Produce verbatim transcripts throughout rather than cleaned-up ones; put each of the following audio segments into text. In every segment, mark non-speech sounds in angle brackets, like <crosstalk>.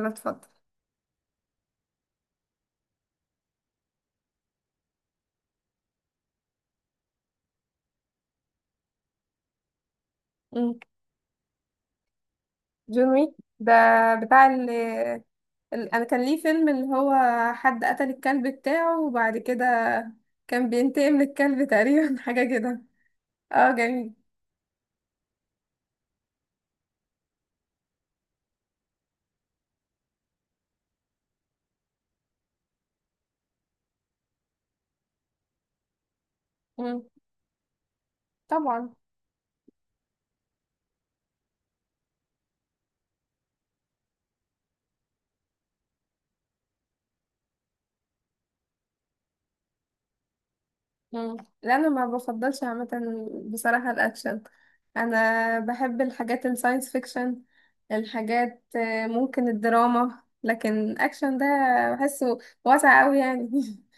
انا اتفضل. مم. جون ويك ده بتاع ال ال- انا كان ليه فيلم اللي هو حد قتل الكلب بتاعه وبعد كده كان بينتقم للكلب تقريبا <laughs> حاجة كده. اه جميل. مم. طبعا. مم. لا انا ما بفضلش عامة، بصراحة الاكشن. انا بحب الحاجات الساينس فيكشن، الحاجات آه، ممكن الدراما، لكن اكشن ده بحسه واسع قوي يعني <laughs>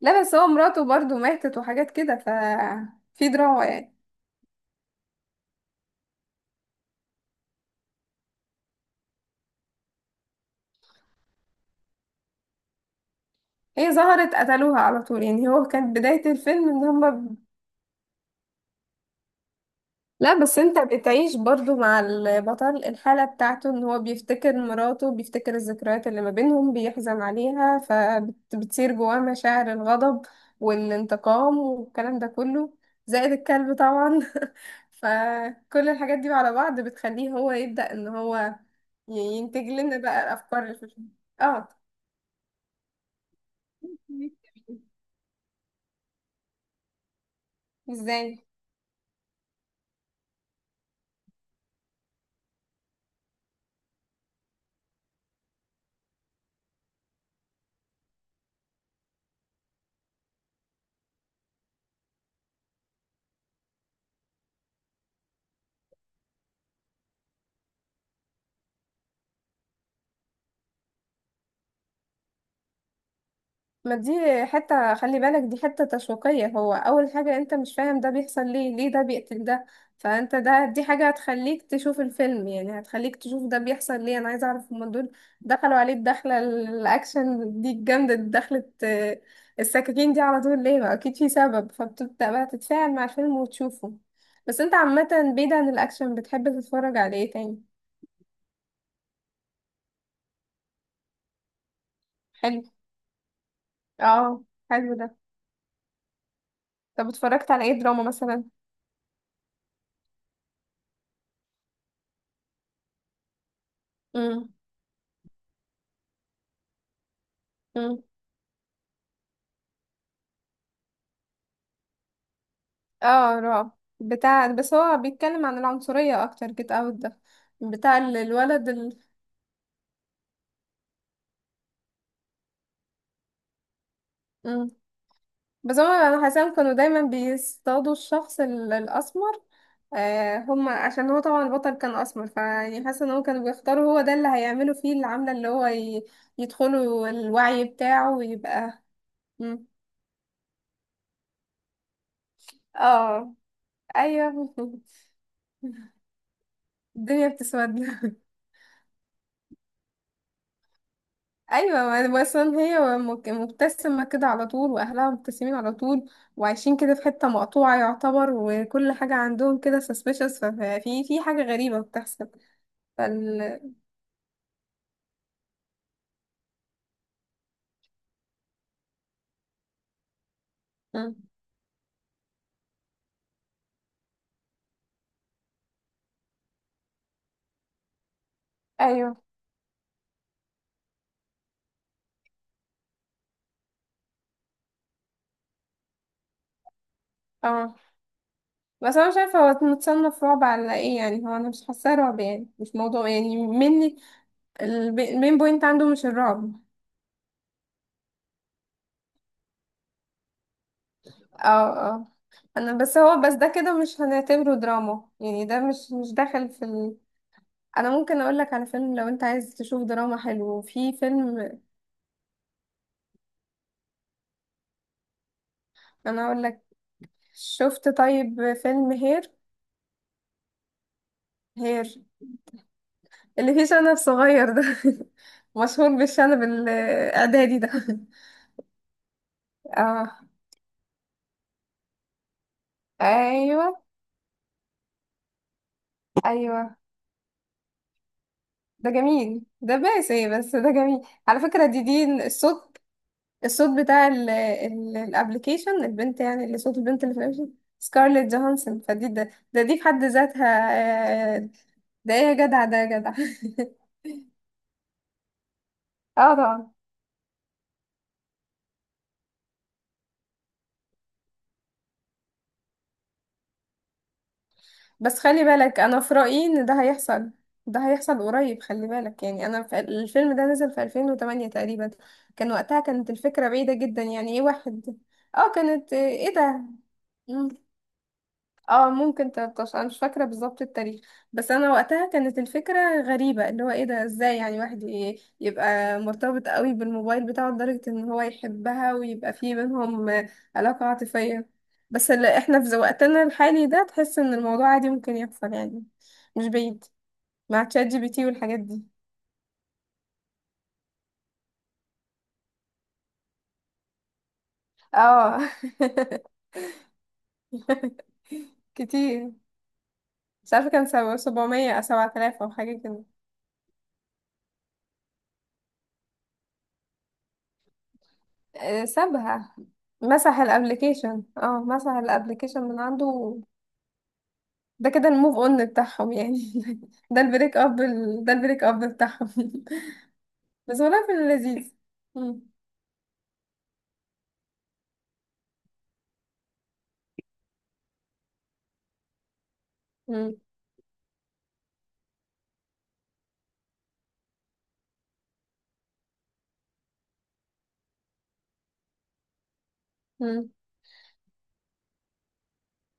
لا بس هو مراته برضو ماتت وحاجات كده، ف في دراما يعني. هي ظهرت قتلوها على طول يعني، هو كانت بداية الفيلم ان هما. لا بس انت بتعيش برضو مع البطل، الحالة بتاعته ان هو بيفتكر مراته، بيفتكر الذكريات اللي ما بينهم، بيحزن عليها، فبتصير جواه مشاعر الغضب والانتقام والكلام ده كله، زائد الكلب طبعا <laughs> فكل الحاجات دي على بعض بتخليه هو يبدأ ان هو ي- ينتج لنا بقى الافكار اللي في الفيلم. اه ازاي؟ ما دي حتة، خلي بالك دي حتة تشويقية. هو أول حاجة أنت مش فاهم ده بيحصل ليه، ليه ده بيقتل ده، فأنت ده دي حاجة هتخليك تشوف الفيلم يعني، هتخليك تشوف ده بيحصل ليه، أنا عايزة أعرف هما دول دخلوا عليه الدخلة الأكشن دي الجامدة دي، دخلت آه، السكاكين دي على طول ليه؟ ما أكيد في سبب، فبتبدأ بقى تتفاعل مع الفيلم وتشوفه. بس أنت عامة بعيد عن الأكشن بتحب تتفرج على إيه تاني؟ حلو، اه، حلو ده. طب اتفرجت على إيه دراما مثلا؟ مم. مم. اه رعب بتاع، بس هو بيتكلم عن العنصرية اكتر جيت اوت ده، بتاع ال- الولد ال... مم. بس هما انا حسام كانوا دايما بيصطادوا الشخص ال- الاسمر. آه هما عشان هو طبعا البطل كان اسمر، فيعني حاسه ان هو كانوا بيختاروا هو ده اللي هيعملوا فيه العملة اللي هو ي... يدخلوا الوعي بتاعه ويبقى. مم. اه ايوه <laughs> الدنيا بتسود. ايوه، ما- مثلا هي مك- مبتسمه كده على طول، واهلها مبتسمين على طول، وعايشين كده في حته مقطوعه يعتبر، وكل حاجه عندهم كده suspicious، ففي في حاجه غريبه بتحصل. فال مم. ايوه، اه. بس انا مش عارفه هو متصنف رعب على ايه يعني، هو انا مش حاساه رعب يعني، مش موضوع يعني مني. المين بوينت عنده مش الرعب. اه اه انا بس، هو بس ده كده مش هنعتبره دراما يعني، ده مش مش داخل في. انا ممكن اقول لك على فيلم لو انت عايز تشوف دراما حلو، في فيلم. انا اقول لك، شفت طيب فيلم هير؟ هير اللي فيه شنب صغير ده <laughs> مشهور بالشنب الاعدادي ده <laughs> اه ايوه ايوه. ده جميل، ده باسي بس ده جميل. على فكرة دي دي الصوت، الصوت بتاع الابلكيشن البنت يعني، اللي صوت البنت اللي في الابلكيشن سكارليت جوهانسون، فدي ده, ده دي في حد ذاتها آه، ده ايه يا جدع، ده يا جدع <laughs> اه طبعا. بس خلي بالك انا في رأيي ان ده هيحصل، ده هيحصل قريب، خلي بالك يعني. انا في الفيلم ده نزل في ألفين وثمانية تقريبا، كان وقتها كانت الفكرة بعيدة جدا يعني، ايه واحد. اه كانت ايه ده؟ اه ممكن تلتاشر، انا مش فاكره بالظبط التاريخ. بس انا وقتها كانت الفكره غريبه، اللي هو ايه ده ازاي يعني واحد ي- يبقى مرتبط قوي بالموبايل بتاعه لدرجه ان هو يحبها ويبقى في بينهم علاقه عاطفيه. بس ال- احنا في وقتنا الحالي ده تحس ان الموضوع عادي، ممكن يحصل يعني، مش بعيد، مع تشات جي بي تي والحاجات دي. اه <laughs> كتير. مش عارفه، كان سبعمية او سبعة آلاف او حاجه كده. آه، سابها، مسح الابليكيشن، اه مسح الابليكيشن من عنده. ده كده الموف اون بتاعهم يعني <laughs> ده البريك اب ال... ده البريك اب بتاعهم <laughs> بس والله في اللذيذ. مم. مم. مم.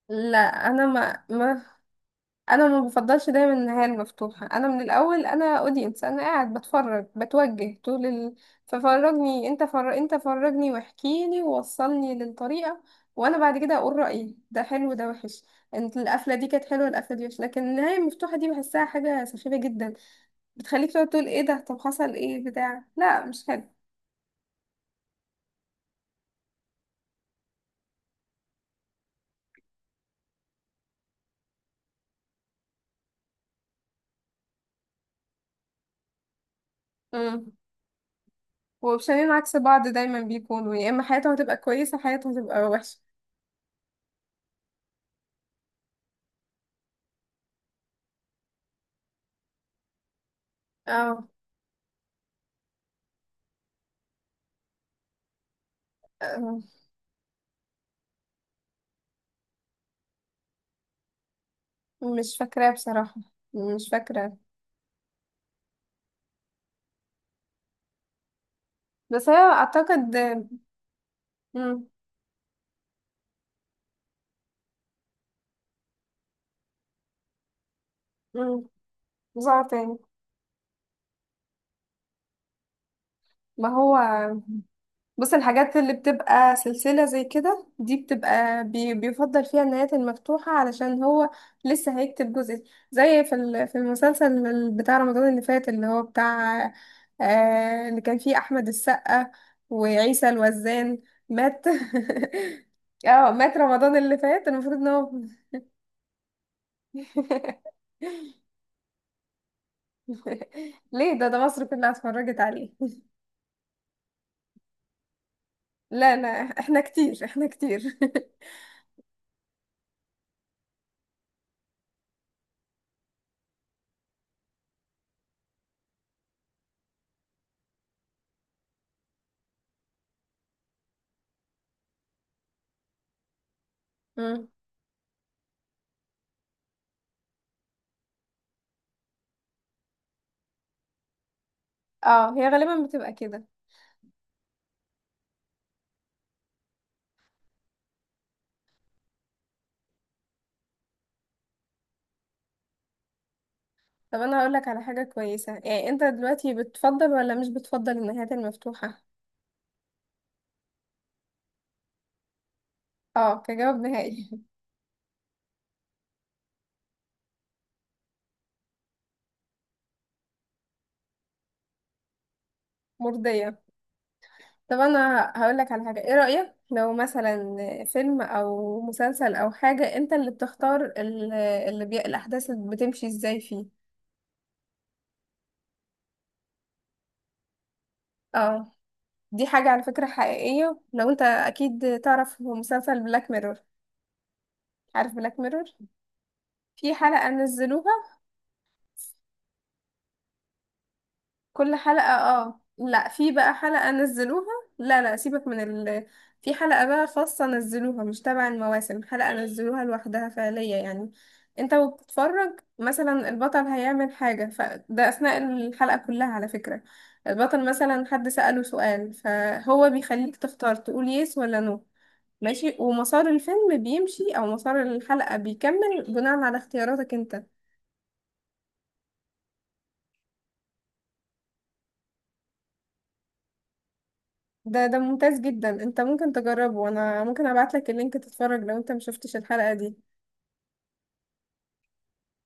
لا انا ما ما انا ما بفضلش دايما النهايه المفتوحه. انا من الاول انا اودينس، انا قاعد بتفرج بتوجه طول ال... ففرجني انت، فر... انت فرجني واحكيلي ووصلني للطريقه، وانا بعد كده اقول رايي، ده حلو ده وحش. انت القفله دي كانت حلوه، القفله دي وحش، لكن النهايه المفتوحه دي بحسها حاجه سخيفه جدا، بتخليك تقعد تقول ايه ده، طب حصل ايه بتاع، لا مش حلو. امم، وبشرين عكس بعض دايما بيكونوا، يا اما حياتهم هتبقى كويسه، حياتهم هتبقى وحشه. اه. أم، مش فاكراه بصراحه، مش فاكرة. بس هي اعتقد. مم. مم. مزعة تاني. ما هو، بص الحاجات اللي بتبقى سلسلة زي كده دي بتبقى بي... بيفضل فيها النهايات المفتوحة علشان هو لسه هيكتب جزء، زي في ال... في المسلسل ال- بتاع رمضان اللي فات اللي هو بتاع آه... اللي كان فيه أحمد السقا وعيسى الوزان، مات <laughs> اه مات رمضان اللي فات المفروض ان هو <laughs> ليه؟ ده ده مصر كلها اتفرجت عليه. لا لا، احنا كتير احنا كتير <laughs> مم. اه هي غالبا بتبقى كده. طب انا هقول لك على حاجة كويسة يعني، انت دلوقتي بتفضل ولا مش بتفضل النهايات المفتوحة؟ اه كجواب نهائي. <laughs> مرضية. طب انا هقول لك على حاجة، ايه رأيك لو مثلا فيلم او مسلسل او حاجة انت اللي بتختار ال- اللي بي... الاحداث اللي بتمشي ازاي فيه؟ اه دي حاجة على فكرة حقيقية. لو انت اكيد تعرف مسلسل بلاك ميرور؟ عارف بلاك ميرور؟ في حلقة نزلوها، كل حلقة، اه لا في بقى حلقة نزلوها. لا لا سيبك من ال في حلقة بقى خاصة نزلوها، مش تبع المواسم، حلقة نزلوها لوحدها فعلية يعني. انت وبتتفرج مثلا البطل هيعمل حاجة، فده أثناء الحلقة كلها على فكرة، البطل مثلا حد سأله سؤال فهو بيخليك تختار تقول يس ولا نو ماشي، ومسار الفيلم بيمشي أو مسار الحلقة بيكمل بناء على اختياراتك انت. ده ده ممتاز جدا، انت ممكن تجربه وانا ممكن ابعتلك اللينك تتفرج لو انت مشفتش الحلقة دي.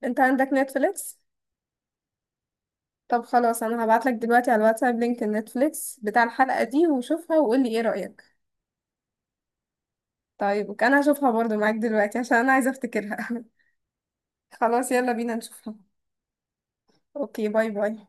انت عندك نتفليكس؟ طب خلاص انا هبعتلك دلوقتي على الواتساب لينك النتفليكس بتاع الحلقة دي وشوفها وقولي ايه رأيك. طيب اوكي، انا هشوفها برضو معاك دلوقتي عشان انا عايزة افتكرها <laughs> خلاص يلا بينا نشوفها. اوكي، باي باي.